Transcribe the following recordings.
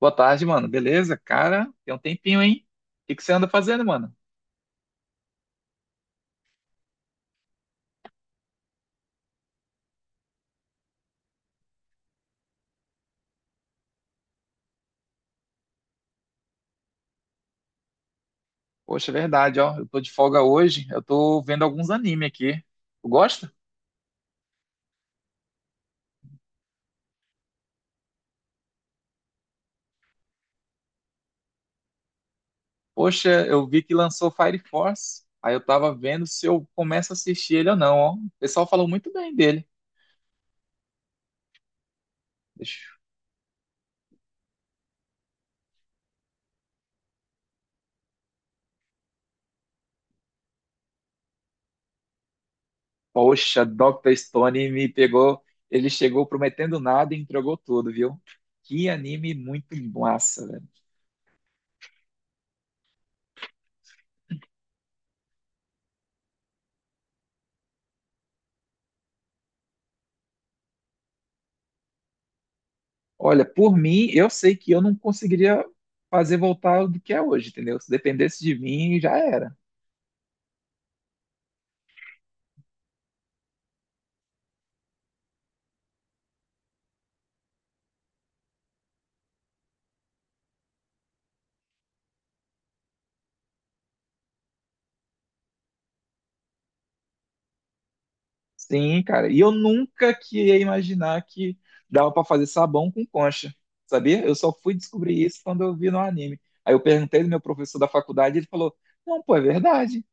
Boa tarde, mano. Beleza? Cara, tem um tempinho, hein? O que que você anda fazendo, mano? Poxa, é verdade, ó. Eu tô de folga hoje. Eu tô vendo alguns anime aqui. Tu gosta? Poxa, eu vi que lançou Fire Force. Aí eu tava vendo se eu começo a assistir ele ou não, ó. O pessoal falou muito bem dele. Deixa- Poxa, Dr. Stone me pegou. Ele chegou prometendo nada e entregou tudo, viu? Que anime muito massa, velho. Olha, por mim, eu sei que eu não conseguiria fazer voltar do que é hoje, entendeu? Se dependesse de mim, já era. Sim, cara. E eu nunca que ia imaginar que dava pra fazer sabão com concha, sabia? Eu só fui descobrir isso quando eu vi no anime. Aí eu perguntei do meu professor da faculdade, ele falou: "Não, pô, é verdade."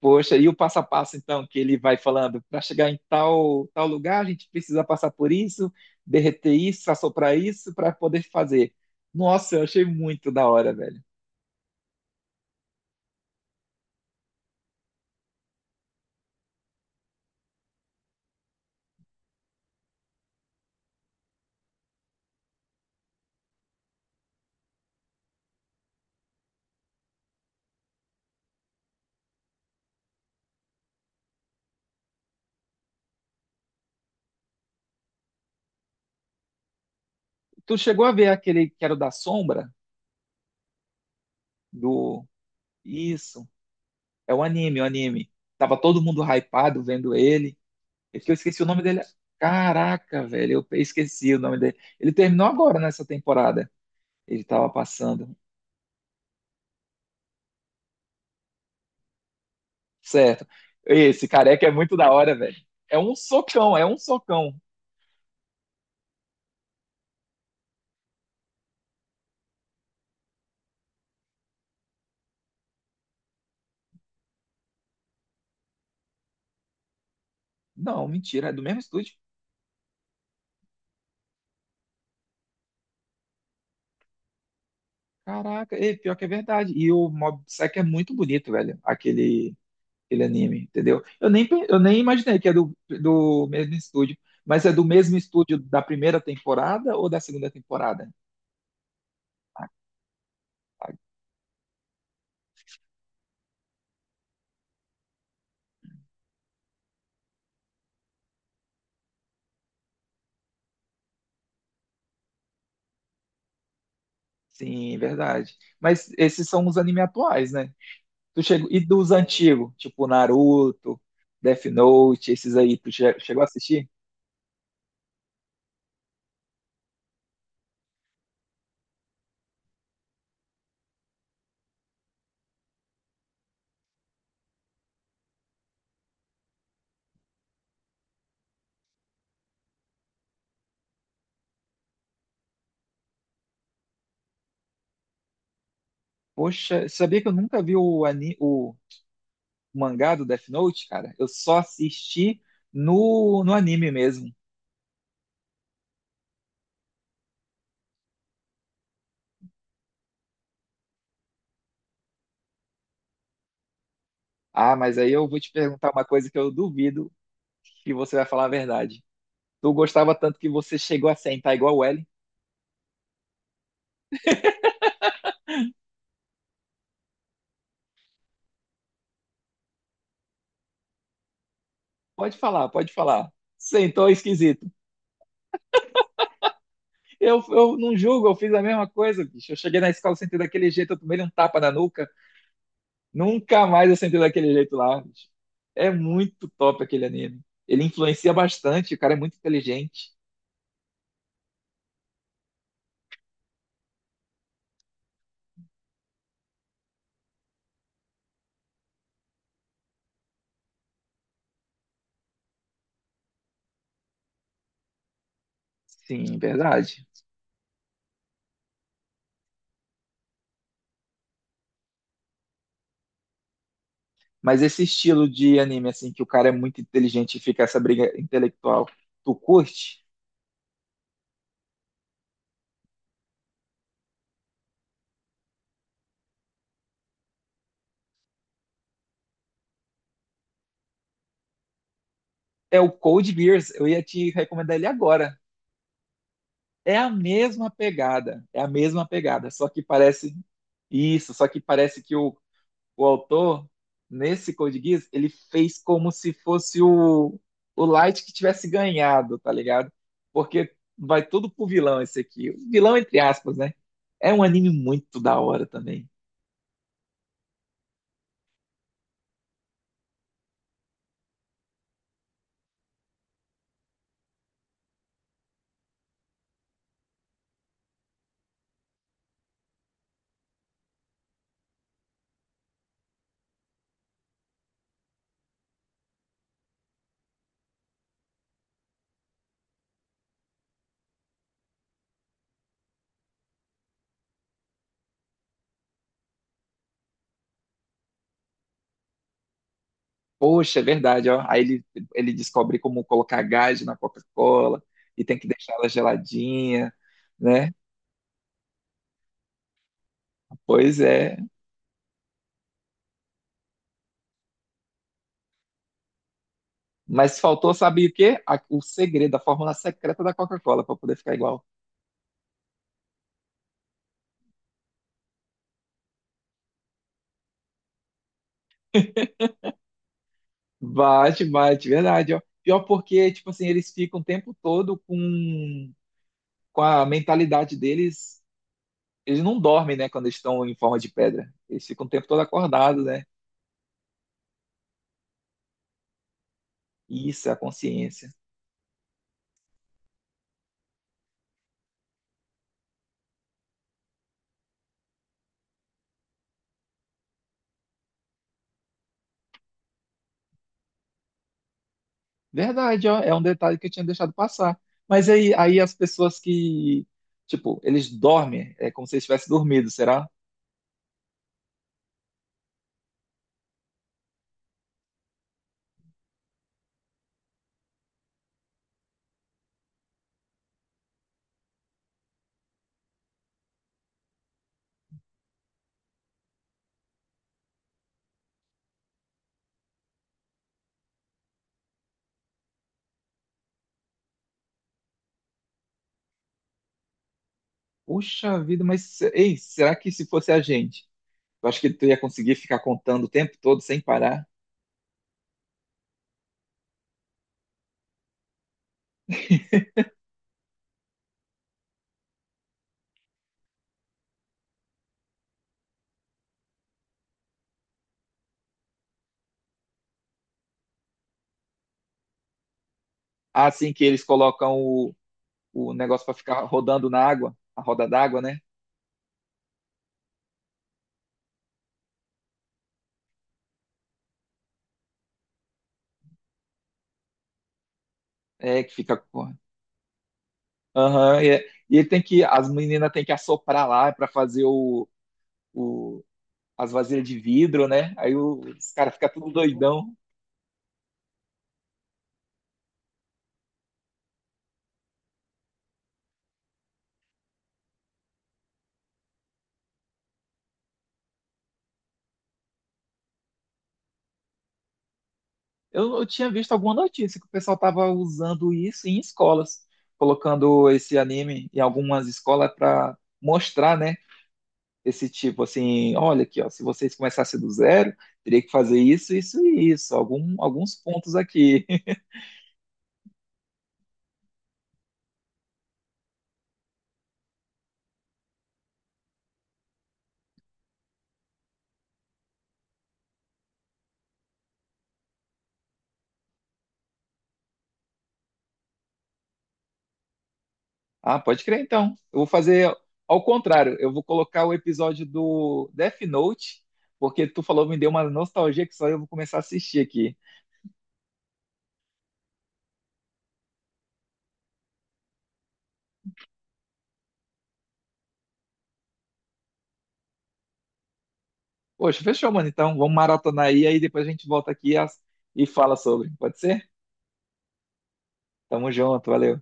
Poxa, e o passo a passo então que ele vai falando, para chegar em tal tal lugar, a gente precisa passar por isso, derreter isso, assoprar isso para poder fazer. Nossa, eu achei muito da hora, velho. Tu chegou a ver aquele que era o da sombra? Do. Isso. É o anime, o anime. Tava todo mundo hypado vendo ele. É que eu esqueci o nome dele. Caraca, velho, eu esqueci o nome dele. Ele terminou agora nessa temporada. Ele tava passando. Certo. Esse careca é muito da hora, velho. É um socão, é um socão. Não, mentira, é do mesmo estúdio. Caraca, é, pior que é verdade. E o Mob Psycho é muito bonito, velho. Aquele anime, entendeu? Eu nem, eu nem imaginei que é do, do mesmo estúdio, mas é do mesmo estúdio da primeira temporada ou da segunda temporada? Ah. Sim, verdade. Mas esses são os animes atuais, né? Tu chegou, e dos antigos, tipo Naruto, Death Note, esses aí, chegou a assistir? Poxa, sabia que eu nunca vi o, ani, o mangá do Death Note, cara? Eu só assisti no, no anime mesmo. Ah, mas aí eu vou te perguntar uma coisa que eu duvido que você vai falar a verdade. Tu gostava tanto que você chegou a sentar igual o Ellen. Pode falar, pode falar. Sentou esquisito. Eu não julgo, eu fiz a mesma coisa, bicho. Eu cheguei na escola, sentei daquele jeito, eu tomei um tapa na nuca. Nunca mais eu sentei daquele jeito lá, bicho. É muito top aquele anime. Ele influencia bastante, o cara é muito inteligente. Sim, é verdade. Mas esse estilo de anime, assim, que o cara é muito inteligente e fica essa briga intelectual, tu curte? É o Code Geass. Eu ia te recomendar ele agora. É a mesma pegada, é a mesma pegada, só que parece isso, só que parece que o autor, nesse Code Geass, ele fez como se fosse o Light que tivesse ganhado, tá ligado? Porque vai tudo pro vilão esse aqui. O vilão, entre aspas, né? É um anime muito da hora também. Poxa, é verdade, ó. Aí ele descobre como colocar gás na Coca-Cola e tem que deixar ela geladinha, né? Pois é. Mas faltou, sabe o quê? O segredo, a fórmula secreta da Coca-Cola para poder ficar igual. Bate, bate, verdade, ó. Pior porque, tipo assim, eles ficam o tempo todo com a mentalidade deles. Eles não dormem, né, quando eles estão em forma de pedra. Eles ficam o tempo todo acordados, né? Isso é a consciência. Verdade, ó. É um detalhe que eu tinha deixado passar. Mas aí, aí as pessoas que, tipo, eles dormem, é como se eles tivessem dormido, será? Puxa vida, mas, ei, será que se fosse a gente? Eu acho que tu ia conseguir ficar contando o tempo todo sem parar. Assim que eles colocam o negócio para ficar rodando na água, a roda d'água, né? É, que fica. Aham, e, e ele tem que. As meninas têm que assoprar lá para fazer o, as vasilhas de vidro, né? Aí os caras ficam tudo doidão. Eu tinha visto alguma notícia que o pessoal tava usando isso em escolas, colocando esse anime em algumas escolas para mostrar, né? Esse tipo assim, olha aqui, ó, se vocês começassem do zero, teria que fazer isso, isso e isso, algum, alguns pontos aqui. Ah, pode crer então. Eu vou fazer ao contrário, eu vou colocar o episódio do Death Note, porque tu falou, me deu uma nostalgia que só eu vou começar a assistir aqui. Poxa, fechou, mano. Então, vamos maratonar aí, aí depois a gente volta aqui e fala sobre. Pode ser? Tamo junto, valeu.